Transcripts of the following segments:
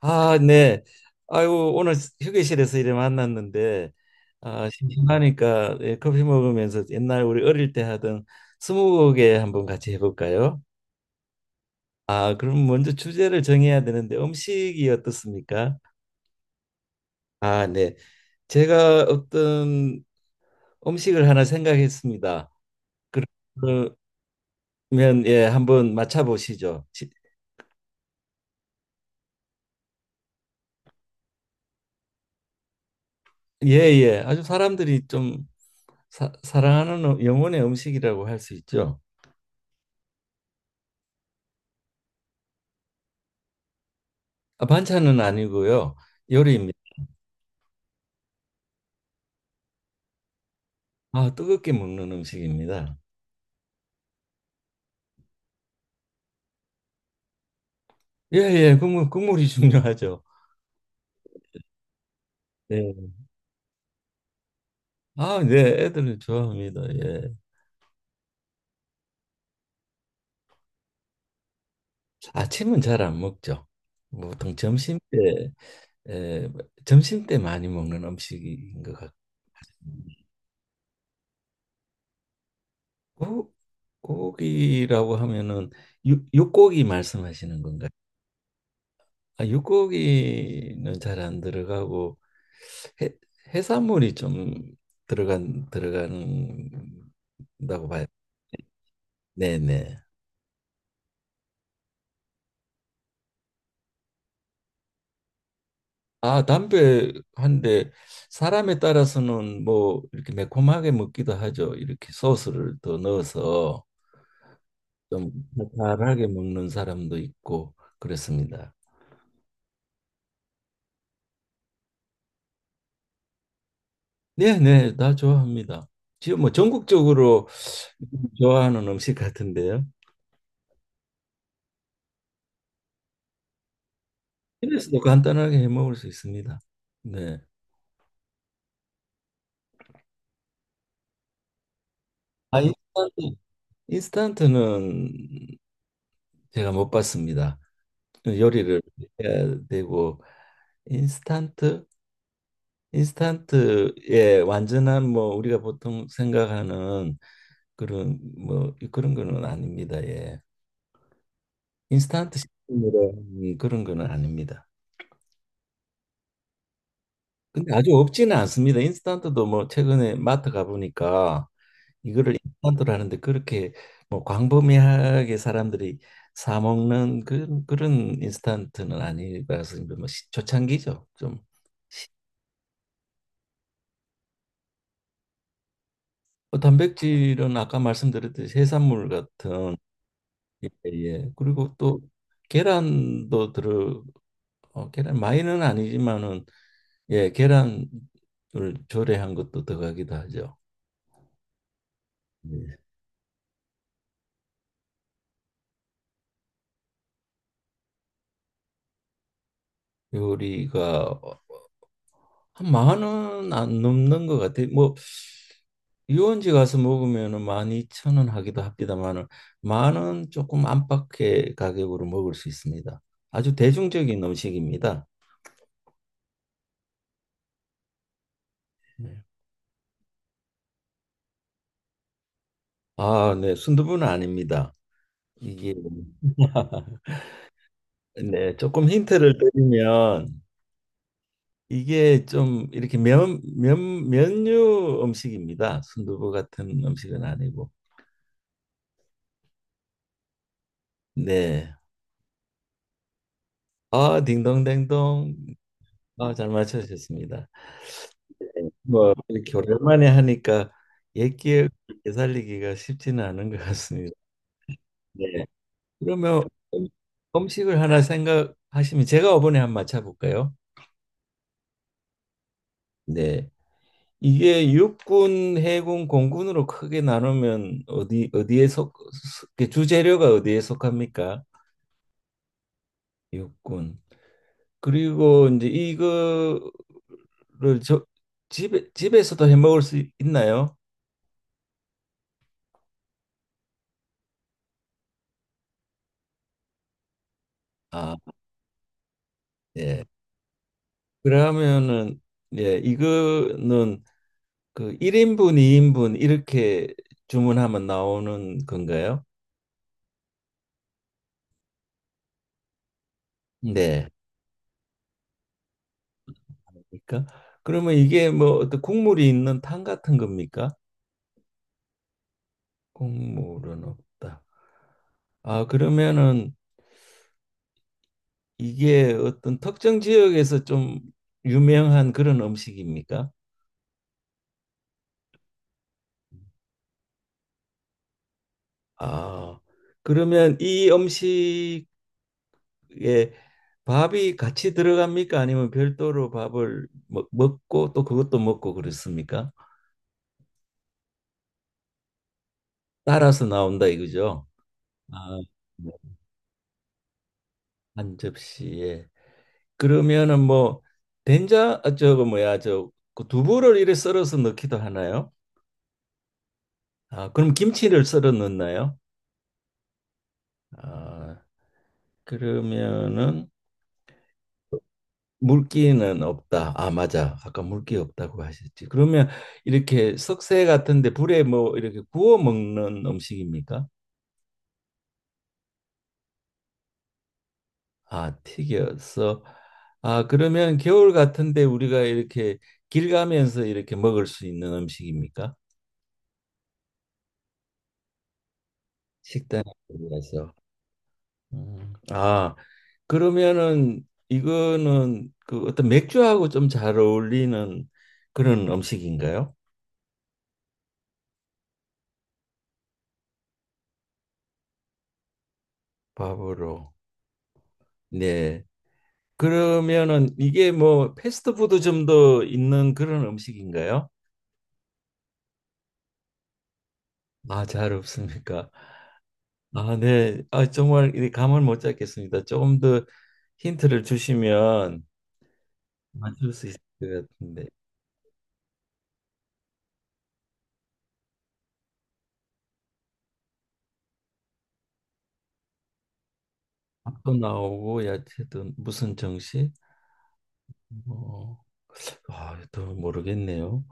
아, 네. 아이고, 오늘 휴게실에서 이래 만났는데, 아, 심심하니까 예, 커피 먹으면서 옛날 우리 어릴 때 하던 스무고개 한번 같이 해볼까요? 아, 그럼 먼저 주제를 정해야 되는데 음식이 어떻습니까? 아, 네. 제가 어떤 음식을 하나 생각했습니다. 그러면 예, 한번 맞춰보시죠. 예, 예. 아주 사람들이 좀 사랑하는 영혼의 음식이라고 할 수 있죠. 아, 반찬은 아니고요. 요리입니다. 아, 뜨겁게 먹는 음식입니다. 예, 예, 국물이 중요하죠. 예. 아, 네, 애들은 좋아합니다. 예. 아침은 잘 안 먹죠. 보통 점심 때, 예, 점심 때 많이 먹는 음식인 것 같고. 고- 고기라고 하면은 육고기 말씀하시는 건가요? 아, 육고기는 잘 안 들어가고 해, 해산물이 좀 들어간다고 봐요. 네네. 아, 담배 한 대 사람에 따라서는 뭐 이렇게 매콤하게 먹기도 하죠. 이렇게 소스를 더 넣어서 좀 달달하게 먹는 사람도 있고 그렇습니다. 네네, 다 좋아합니다. 지금 뭐 전국적으로 좋아하는 음식 같은데요. 그래서도 간단하게 해 먹을 수 있습니다. 네. 아, 인스턴트는 제가 못 봤습니다. 요리를 해야 되고 인스턴트, 인스턴트의 완전한 뭐 우리가 보통 생각하는 그런 뭐 그런 거는 아닙니다. 예. 인스턴트 식품이라 그런 거는 아닙니다. 근데 아주 없지는 않습니다. 인스턴트도 뭐 최근에 마트 가보니까 이거를 인스턴트로 하는데 그렇게 뭐 광범위하게 사람들이 사 먹는 그런 인스턴트는 아니라서 이제 뭐 초창기죠. 좀 시- 단백질은 아까 말씀드렸듯이 해산물 같은 예, 예. 그리고 또 계란도 들어 계란 많이는 아니지만은 예, 계란을 조리한 것도 들어가기도 하죠. 예. 요리가 한 10,000원 안 넘는 것 같아. 뭐 유원지 가서 먹으면은 12,000원 하기도 합니다만은 10,000원 조금 안팎의 가격으로 먹을 수 있습니다. 아주 대중적인 음식입니다. 네. 아, 네, 순두부는 아닙니다. 이게 네, 조금 힌트를 드리면 이게 좀 이렇게 면류 음식입니다. 순두부 같은 음식은 아니고. 네. 아, 딩동댕동. 아, 잘 맞춰주셨습니다. 뭐 이렇게 오랜만에 하니까 옛 기억을 되살리기가 쉽지는 않은 것 같습니다. 네. 그러면 음- 음식을 하나 생각하시면 제가 이번에 한번 맞춰볼까요? 네. 이게 육군, 해군, 공군으로 크게 나누면 어디 어디에 속 속- 그 주재료가 어디에 속합니까? 육군. 그리고 이제 이거를 저, 집에서도 해 먹을 수 있나요? 아, 예. 그러면은 예, 이거는 그 1인분, 2인분 이렇게 주문하면 나오는 건가요? 네. 그러니까 그러면 이게 뭐 어떤 국물이 있는 탕 같은 겁니까? 국물은 없다. 아, 그러면은 이게 어떤 특정 지역에서 좀 유명한 그런 음식입니까? 아, 그러면 이 음식에 밥이 같이 들어갑니까? 아니면 별도로 밥을 먹고 또 그것도 먹고 그렇습니까? 따라서 나온다 이거죠? 아, 네. 한 접시에. 그러면은 뭐 된장 아, 저거 뭐야 저그 두부를 이래 썰어서 넣기도 하나요? 아, 그럼 김치를 썰어 넣나요? 아, 그러면은 물기는 없다. 아, 맞아. 아까 물기 없다고 하셨지. 그러면 이렇게 석쇠 같은데 불에 뭐 이렇게 구워 먹는 음식입니까? 아, 튀겨서. 아, 그러면 겨울 같은데 우리가 이렇게 길 가면서 이렇게 먹을 수 있는 음식입니까? 식당에 들어가서. 음. 아, 그러면은 이거는 그 어떤 맥주하고 좀 잘 어울리는 그런 음식인가요? 밥으로. 네. 그러면은 이게 뭐 패스트푸드점도 있는 그런 음식인가요? 아, 잘 없습니까? 아, 네. 아, 정말 이 감을 못 잡겠습니다. 조금 더 힌트를 주시면 맞출 수 있을 것 같은데. 밥도 나오고 야채도 무슨 정식? 어, 아, 더 모르겠네요.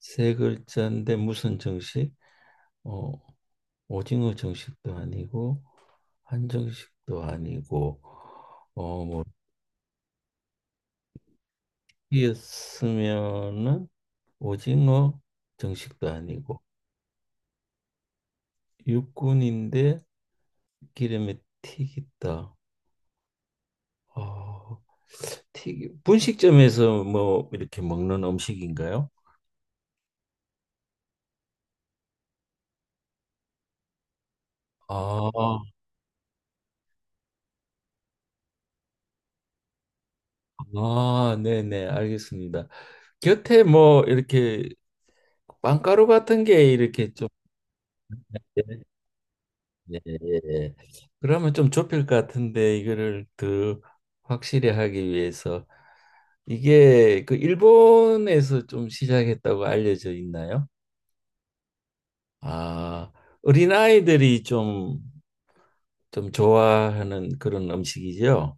세 글자인데 무슨 정식? 어, 오징어 정식도 아니고 한정식도 아니고 어, 뭐 튀겼으면은 오징어 정식도 아니고 육군인데 기름에 튀겼다. 어, 튀기 분식점에서 뭐 이렇게 먹는 음식인가요? 아, 아, 네네, 알겠습니다. 곁에 뭐 이렇게 빵가루 같은 게 이렇게 좀 예, 예, 예. 예. 그러면 좀 좁힐 것 같은데 이거를 더 확실히 하기 위해서 이게 그 일본에서 좀 시작했다고 알려져 있나요? 아, 어린아이들이 좀 좀 좋아하는 그런 음식이죠.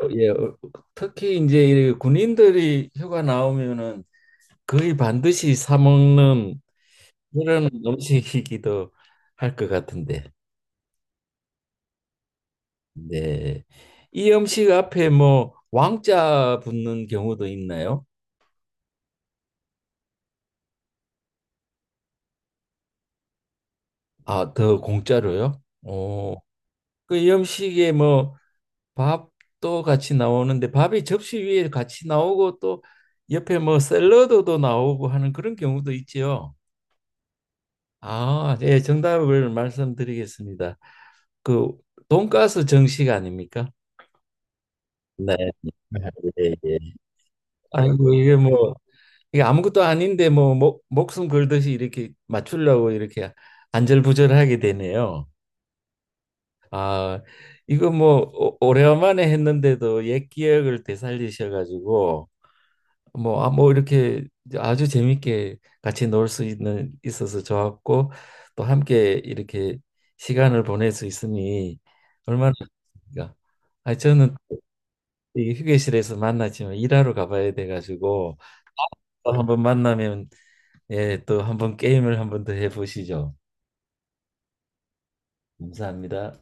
어, 예, 어, 특히 이제 이 군인들이 휴가 나오면은 거의 반드시 사 먹는 그런 음식이기도 할 것 같은데. 네. 이 음식 앞에 뭐 왕자 붙는 경우도 있나요? 아, 더 공짜로요? 어, 그이 음식에 뭐 밥도 같이 나오는데 밥이 접시 위에 같이 나오고 또 옆에 뭐 샐러드도 나오고 하는 그런 경우도 있지요. 아, 예, 정답을 말씀드리겠습니다. 그 돈가스 정식 아닙니까? 네. 네. 예, 예. 아이고 이게 뭐 이게 아무것도 아닌데 뭐 목숨 걸듯이 이렇게 맞추려고 이렇게 안절부절하게 되네요. 아, 이거 뭐 오래간만에 했는데도 옛 기억을 되살리셔 가지고 뭐, 아, 뭐 이렇게 아주 재밌게 같이 놀 수 있는 있어서 좋았고 또 함께 이렇게 시간을 보낼 수 있으니 얼마나 좋습니까? 아, 저는 이 휴게실에서 만났지만 일하러 가봐야 돼 가지고 또 한번 만나면 예, 또 한 번 게임을 한 번 더 해보시죠. 감사합니다.